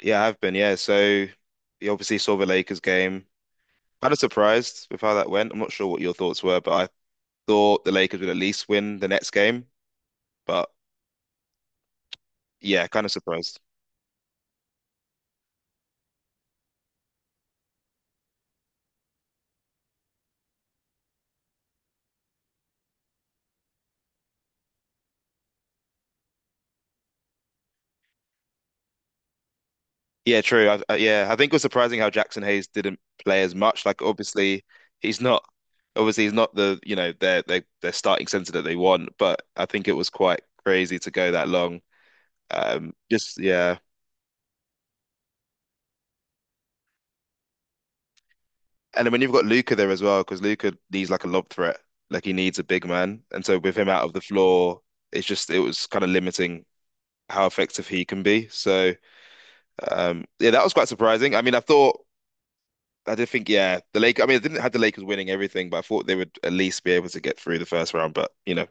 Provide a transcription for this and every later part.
Yeah, I have been. Yeah, so you obviously saw the Lakers game. Kind of surprised with how that went. I'm not sure what your thoughts were, but I thought the Lakers would at least win the next game. But yeah, kind of surprised. Yeah, true. Yeah, I think it was surprising how Jackson Hayes didn't play as much. Like, obviously, he's not. Obviously, he's not the you know their starting center that they want. But I think it was quite crazy to go that long. Just yeah. And then when you've got Luca there as well, because Luca needs like a lob threat, like he needs a big man. And so with him out of the floor, it was kind of limiting how effective he can be. So yeah, that was quite surprising. I did think, yeah, the Lakers. I mean, I didn't have the Lakers winning everything, but I thought they would at least be able to get through the first round. But you know,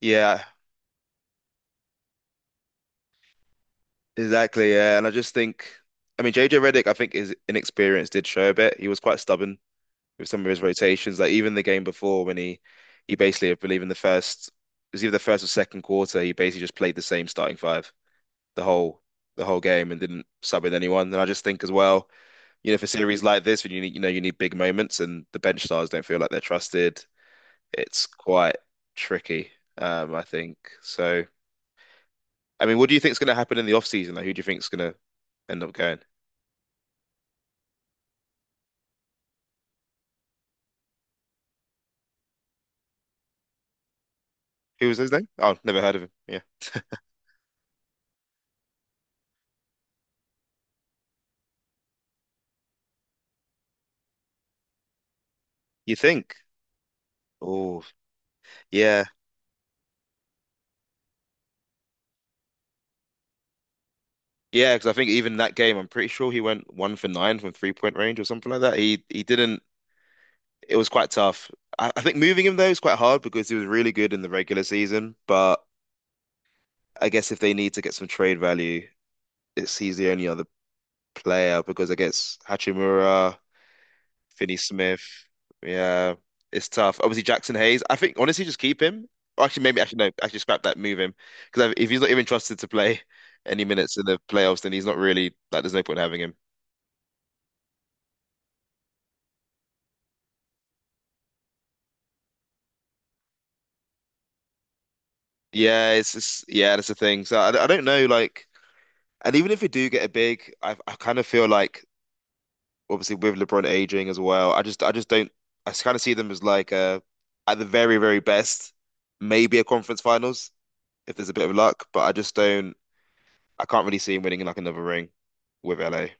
yeah, exactly. Yeah, and I just think. I mean, JJ Redick, I think his inexperience did show a bit. He was quite stubborn with some of his rotations. Like even the game before when he basically, I believe in the first, it was either the first or second quarter, he basically just played the same starting five the whole the whole game and didn't sub in anyone. And I just think as well, you know, for series like this when you need, you know, you need big moments and the bench stars don't feel like they're trusted, it's quite tricky, I think. So I mean, what do you think is going to happen in the off season? Like, who do you think is going to end up going? Who was his name? Oh, never heard of him. Yeah. You think? Oh, yeah. Yeah, because I think even that game, I'm pretty sure he went one for nine from 3-point range or something like that. He didn't. It was quite tough. I think moving him though is quite hard because he was really good in the regular season. But I guess if they need to get some trade value, it's he's the only other player, because I guess Hachimura, Finney Smith, yeah, it's tough. Obviously Jackson Hayes. I think honestly, just keep him. Or actually, maybe actually no, actually scrap that, move him because if he's not even trusted to play any minutes in the playoffs, then he's not really like. There's no point in having him. Yeah, it's just, yeah, that's the thing. So I don't know, like, and even if we do get a big, I kind of feel like obviously with LeBron aging as well, I just don't, I kind of see them as like at the very best maybe a conference finals if there's a bit of luck, but I just don't, I can't really see him winning like another ring with LA.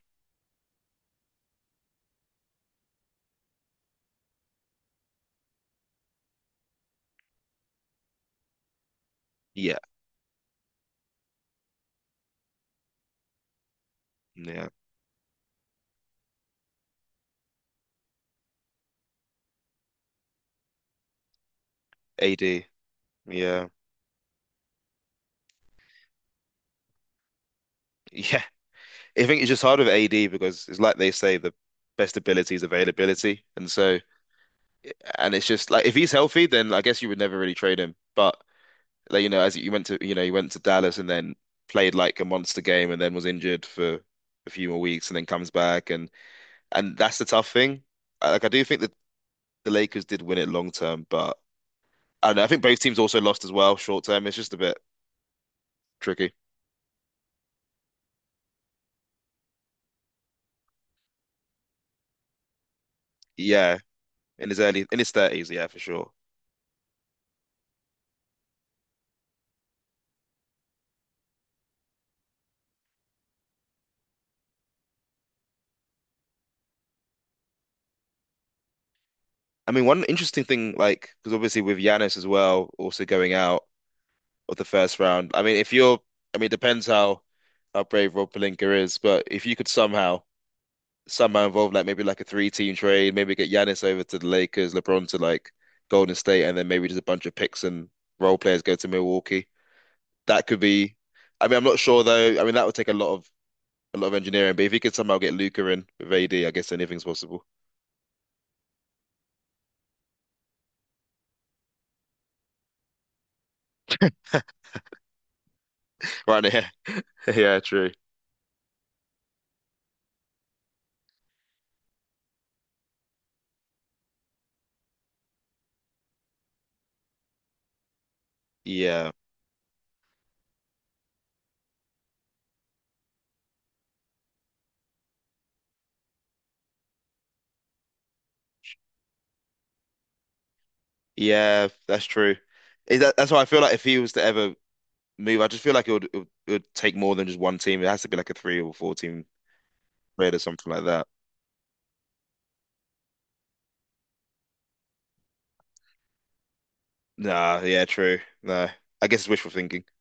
Yeah, yeah, AD, yeah, yeah. I think it's just hard with AD because it's like they say the best ability is availability, and so. And it's just like if he's healthy, then I guess you would never really trade him. But like you know, as you went to, you know, you went to Dallas and then played like a monster game and then was injured for a few more weeks and then comes back, and that's the tough thing. Like I do think that the Lakers did win it long term, but I don't know, I think both teams also lost as well short term. It's just a bit tricky. Yeah, in his early, in his thirties, yeah, for sure. I mean, one interesting thing, like, because obviously with Giannis as well, also going out of the first round. I mean, if you're, I mean, it depends how brave Rob Pelinka is, but if you could somehow somehow involve like maybe like a three team trade, maybe get Giannis over to the Lakers, LeBron to like Golden State, and then maybe just a bunch of picks and role players go to Milwaukee. That could be. I mean, I'm not sure though. I mean, that would take a lot of engineering, but if you could somehow get Luca in with AD, I guess anything's possible. Right now, yeah, true. Yeah. Yeah, that's true. Is that that's why I feel like if he was to ever move. I just feel like it would, it would take more than just one team. It has to be like a three or four team raid or something like that. Nah, yeah, true. No, I guess it's wishful thinking.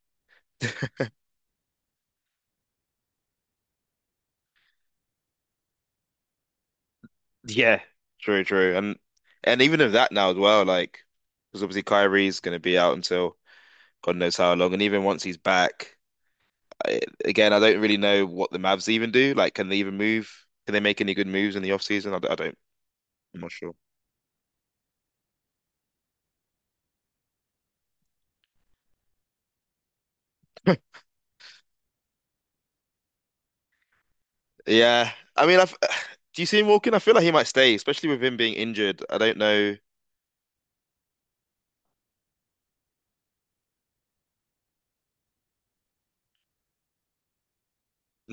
Yeah. True, true. And even of that now as well, like because obviously Kyrie's going to be out until God knows how long, and even once he's back, I, again, I don't really know what the Mavs even do. Like, can they even move? Can they make any good moves in the off season? I don't. I'm not sure. Yeah, I mean, do you see him walking? I feel like he might stay, especially with him being injured. I don't know.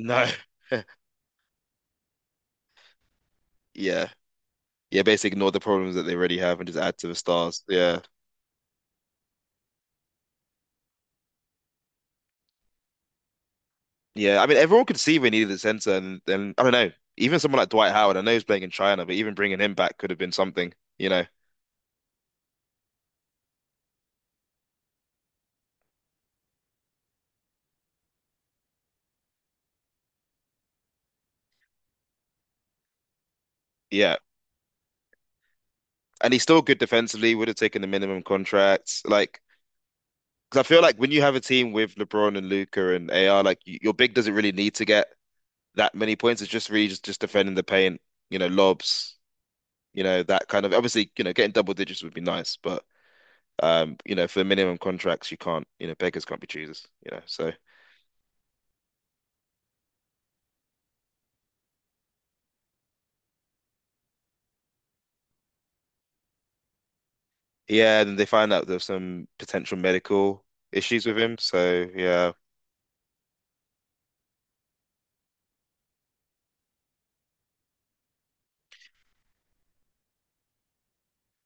No, yeah. Yeah, basically ignore the problems that they already have and just add to the stars. Yeah. Yeah. I mean, everyone could see they needed a center, and then I don't know. Even someone like Dwight Howard, I know he's playing in China, but even bringing him back could have been something, you know. Yeah. And he's still good defensively, would have taken the minimum contracts. Like, because I feel like when you have a team with LeBron and Luca and AR, like your big doesn't really need to get that many points. It's just really just defending the paint, you know, lobs, you know, that kind of, obviously, you know, getting double digits would be nice, but you know, for minimum contracts, you can't, you know, beggars can't be choosers, you know. So yeah, and they find out there's some potential medical issues with him. So yeah.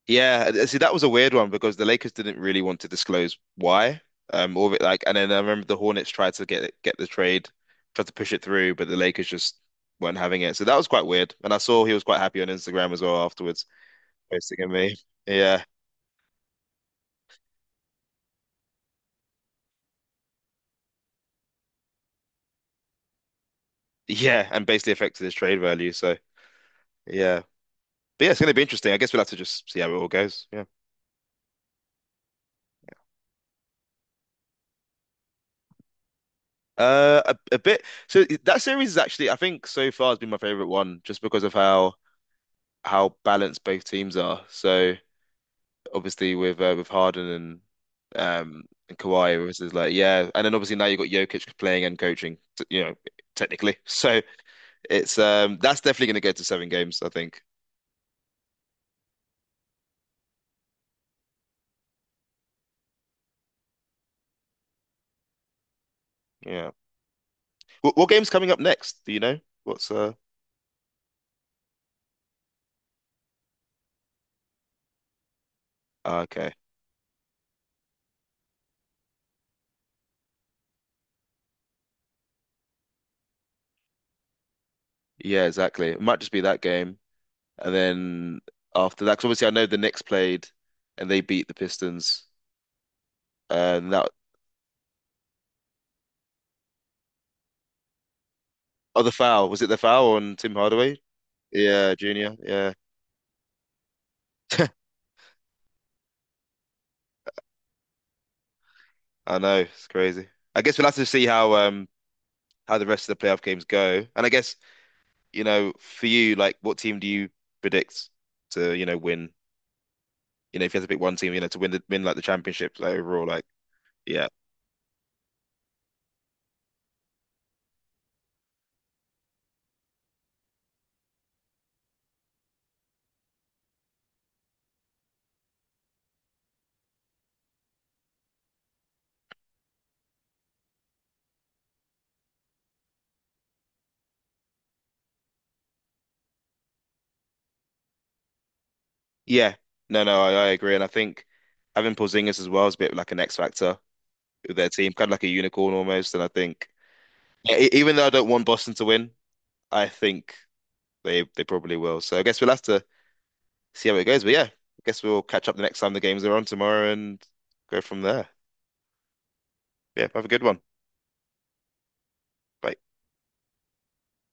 Yeah, see, that was a weird one because the Lakers didn't really want to disclose why. All of it, like, and then I remember the Hornets tried to get it, get the trade, tried to push it through, but the Lakers just weren't having it. So that was quite weird. And I saw he was quite happy on Instagram as well afterwards, posting a meme. Yeah, yeah, and basically affected his trade value. So yeah. But yeah, it's going to be interesting. I guess we'll have to just see how it all goes. Yeah. A bit. So that series is actually, I think, so far has been my favorite one, just because of how balanced both teams are. So obviously with Harden and Kawhi, it was just like yeah, and then obviously now you've got Jokic playing and coaching, you know, technically. So it's that's definitely going to go to 7 games, I think. Yeah. What game's coming up next? Do you know? What's Ah, okay. Yeah, exactly. It might just be that game. And then after that, 'cause obviously I know the Knicks played and they beat the Pistons. And that, oh, the foul. Was it the foul on Tim Hardaway? Yeah, Junior. Yeah. I know. It's crazy. I guess we'll have to see how the rest of the playoff games go. And I guess, you know, for you, like what team do you predict to, you know, win? You know, if you had to pick one team, you know, to win, the win like the championship like, overall, like yeah. Yeah. No, no, I agree. And I think having Porzingis as well is a bit like an X factor. Their team, kind of like a unicorn almost. And I think, yeah, even though I don't want Boston to win, I think they probably will. So I guess we'll have to see how it goes. But yeah, I guess we'll catch up the next time the games are on tomorrow and go from there. Yeah, have a good one. Bye.